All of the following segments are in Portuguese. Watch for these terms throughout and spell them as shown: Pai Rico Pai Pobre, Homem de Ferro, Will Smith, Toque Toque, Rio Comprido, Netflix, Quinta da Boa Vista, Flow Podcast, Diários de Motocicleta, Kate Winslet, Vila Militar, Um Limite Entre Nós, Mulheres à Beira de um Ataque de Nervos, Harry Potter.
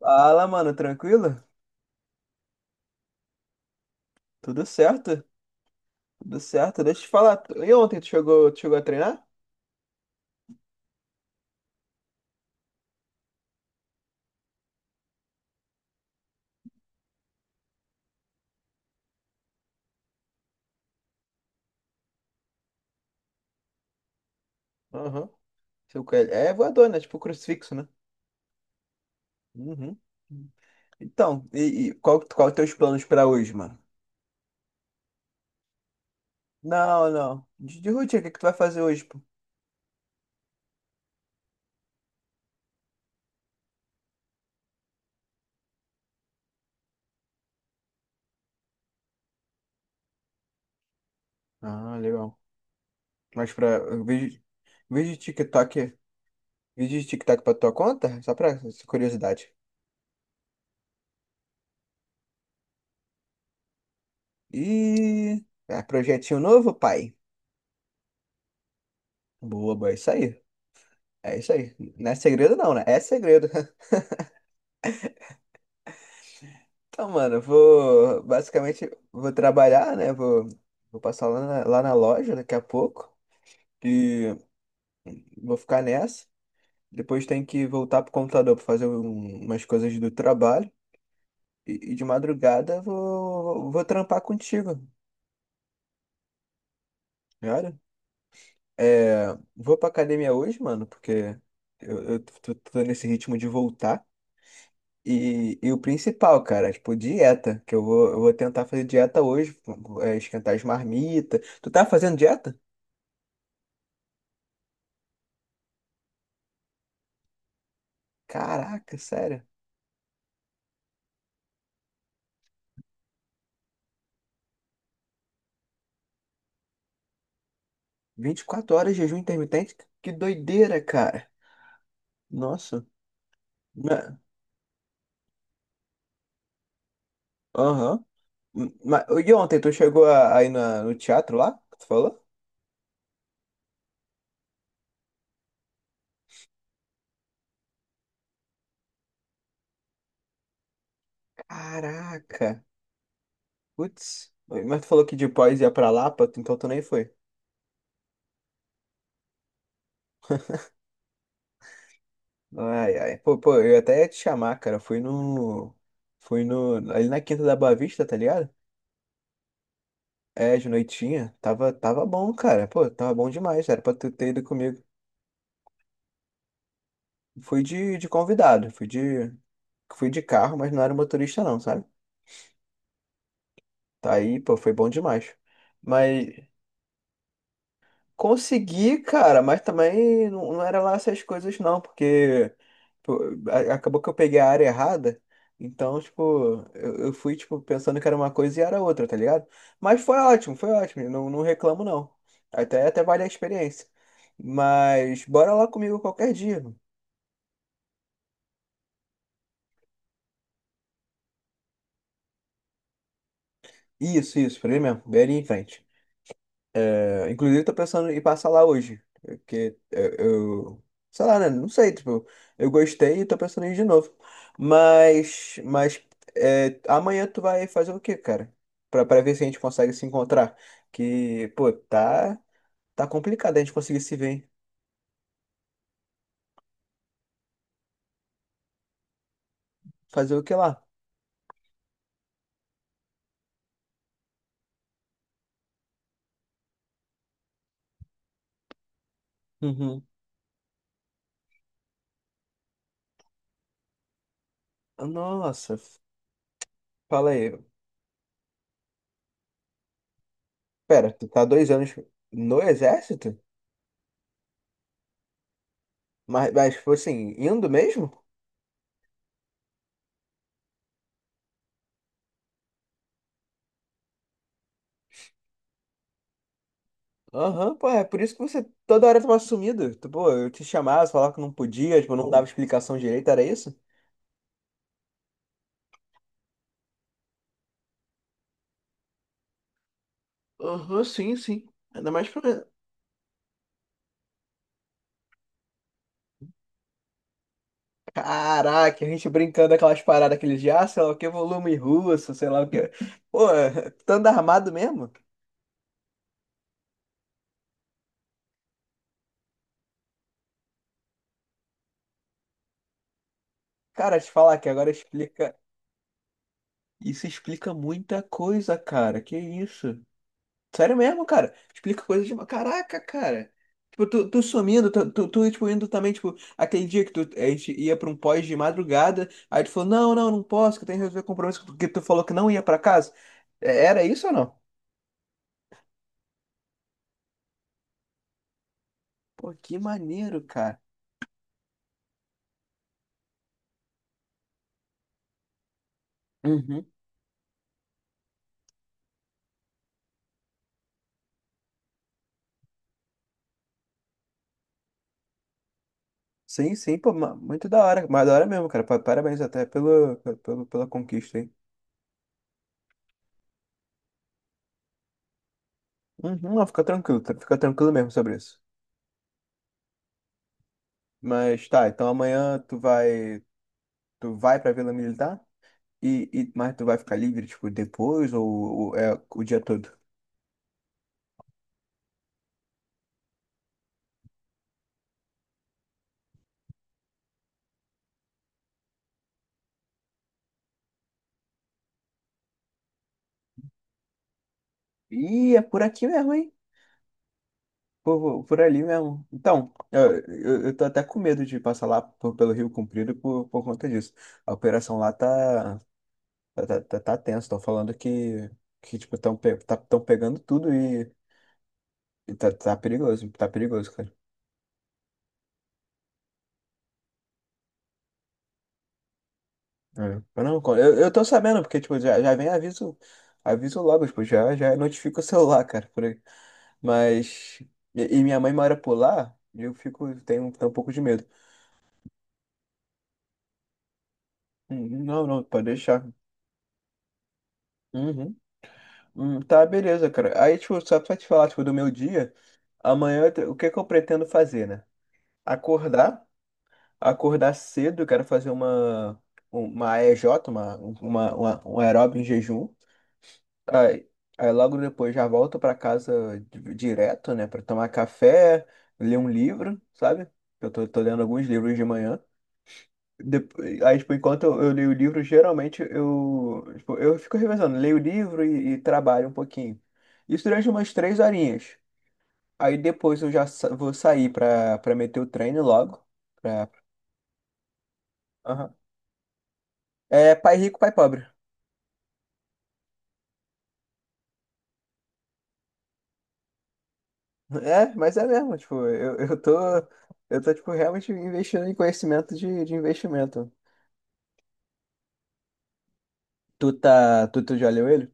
Fala, mano, tranquilo? Tudo certo? Tudo certo. Deixa eu te falar. E ontem tu chegou a treinar? Aham. Seu coelho. É voador, né? Tipo crucifixo, né? Uhum. Então, e qual é os teus planos pra hoje, mano? Não, não. De rotina, o que que tu vai fazer hoje, pô? Ah, legal. Mas pra vídeo, vídeo de TikTok, vídeo de TikTok pra tua conta? Só pra curiosidade. E é, projetinho novo, pai. Boa, boa, é isso aí. É isso aí. Não é segredo não, né? É segredo. Então, mano, eu vou basicamente vou trabalhar, né? Vou passar lá na loja daqui a pouco e vou ficar nessa. Depois tem que voltar pro computador pra fazer umas coisas do trabalho. E de madrugada vou trampar contigo, cara. É, vou pra academia hoje, mano, porque eu tô nesse ritmo de voltar. E o principal, cara, é, tipo, dieta, que eu vou tentar fazer dieta hoje, é, esquentar as marmitas. Tu tá fazendo dieta? Caraca, sério. 24 horas de jejum intermitente? Que doideira, cara. Nossa. Ma- Aham. E ontem, tu chegou aí no teatro lá, que tu falou? Caraca. Putz, mas tu falou que de Pós ia pra Lapa, então tu nem foi. Ai, ai. Pô, pô, eu até ia te chamar, cara. Fui no ali na Quinta da Boa Vista, tá ligado? É, de noitinha. Tava bom, cara. Pô, tava bom demais. Era pra tu ter ido comigo. Fui de convidado. Fui de carro, mas não era motorista, não, sabe? Tá aí, pô, foi bom demais. Mas consegui, cara, mas também não, não era lá essas coisas não, porque pô, acabou que eu peguei a área errada. Então, tipo, eu fui, tipo, pensando que era uma coisa e era outra, tá ligado? Mas foi ótimo, não reclamo não. Até vale a experiência. Mas bora lá comigo qualquer dia. Mano. Isso, por aí mesmo, bem ali em frente. É, inclusive, eu tô pensando em passar lá hoje. Porque é, eu. Sei lá, né? Não sei, tipo, eu gostei e tô pensando em ir de novo. Mas. Mas. É, amanhã tu vai fazer o quê, cara? Pra ver se a gente consegue se encontrar. Que, pô, tá. Tá complicado a gente conseguir se ver, hein? Fazer o que lá? Uhum. Nossa, fala aí. Pera, tu tá 2 anos no exército? Mas, tipo assim, indo mesmo? Aham, pô, é por isso que você toda hora tava sumido. Pô, eu te chamava, você falava que não podia, tipo, eu não dava explicação direito, era isso? Aham, sim, sim. Ainda mais pra. Caraca, a gente brincando aquelas paradas, aqueles de, ah, sei lá o que, volume russo, sei lá o que. Pô, tu anda armado mesmo? Cara, te falar que agora explica. Isso explica muita coisa, cara. Que isso? Sério mesmo, cara? Explica coisas de. Caraca, cara. Tipo, tu sumindo, tu, tipo, indo também, tipo, aquele dia que tu, a gente ia pra um pós de madrugada, aí tu falou, não, não, não posso, que eu tenho que resolver compromisso, porque tu falou que não ia pra casa. É, era isso ou não? Pô, que maneiro, cara. Uhum. Sim, sim, pô, muito da hora, mais da hora mesmo, cara. Parabéns até pela conquista, hein? Uhum, não, fica tranquilo, fica tranquilo mesmo sobre isso. Mas tá, então amanhã tu vai pra Vila Militar? Mas tu vai ficar livre, tipo, depois ou é o dia todo? Ih, é por aqui mesmo, hein? Por ali mesmo. Então, eu tô até com medo de passar lá pelo Rio Comprido por conta disso. A operação lá tá tenso. Estão falando que tipo, estão pe tá, tão pegando tudo e tá perigoso. Tá perigoso, cara. É. Mas não, eu tô sabendo, porque, tipo, já vem aviso, logo, tipo, já notifica o celular, cara, por aí. Mas, e minha mãe mora por lá, e tenho um pouco de medo. Não, não, pode deixar. Uhum. Tá, beleza, cara. Aí, tipo, só pra te falar, tipo, do meu dia, amanhã, o que que eu pretendo fazer, né? Acordar, acordar, cedo, eu quero fazer uma AEJ, um aeróbio em jejum. Aí, aí, logo depois já volto pra casa direto, né, pra tomar café, ler um livro, sabe? Eu tô lendo alguns livros de manhã. Depois, aí, tipo, enquanto eu leio o livro, geralmente eu, tipo, eu fico revezando, leio o livro e trabalho um pouquinho. Isso durante umas 3 horinhas. Aí depois eu já vou sair pra meter o treino logo. Pra... Aham. É pai rico, pai pobre. É, mas é mesmo, tipo, eu tô, tipo, realmente investindo em conhecimento de investimento. Tu já leu ele?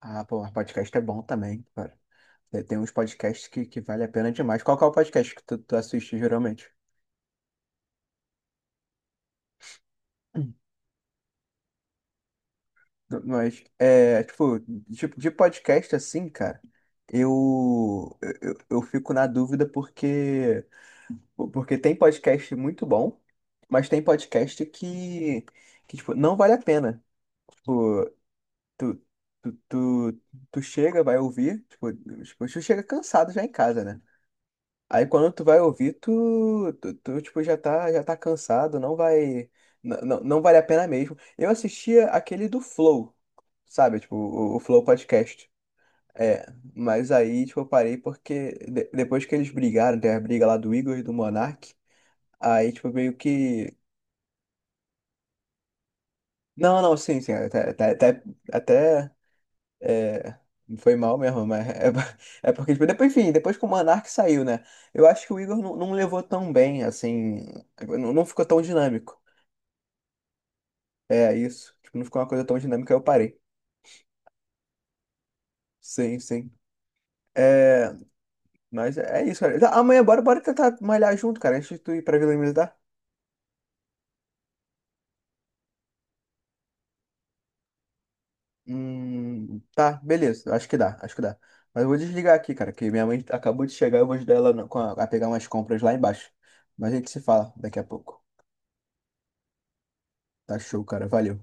Ah, pô, mas podcast é bom também, cara. Tem uns podcasts que vale a pena demais. Qual que é o podcast que tu assiste geralmente? Hum. Mas, é, tipo, de podcast assim, cara, eu, eu fico na dúvida porque tem podcast muito bom, mas tem podcast que tipo, não vale a pena. Tipo, Tu, tu, tu, tu chega, vai ouvir, tipo, tu chega cansado já em casa, né? Aí quando tu vai ouvir, tu, tipo, já tá cansado, não vale a pena mesmo. Eu assistia aquele do Flow, sabe? Tipo, o Flow Podcast. É, mas aí, tipo, eu parei porque depois que eles brigaram, teve a briga lá do Igor e do Monark, aí, tipo, meio que... Não, não, sim, sim, até é, foi mal mesmo, mas é, é porque, tipo, depois, enfim, depois que o Monark saiu, né? Eu acho que o Igor não levou tão bem, assim, não ficou tão dinâmico. É isso, tipo, não ficou uma coisa tão dinâmica, eu parei. Sim, sim. É, mas é isso, cara. Tá, amanhã, bora, bora tentar malhar junto, cara, antes de tu ir pra Vila Militar. Tá, beleza, acho que dá, acho que dá. Mas eu vou desligar aqui, cara, que minha mãe acabou de chegar, eu vou ajudar ela com a pegar umas compras lá embaixo. Mas a gente se fala daqui a pouco. Tá show, cara, valeu.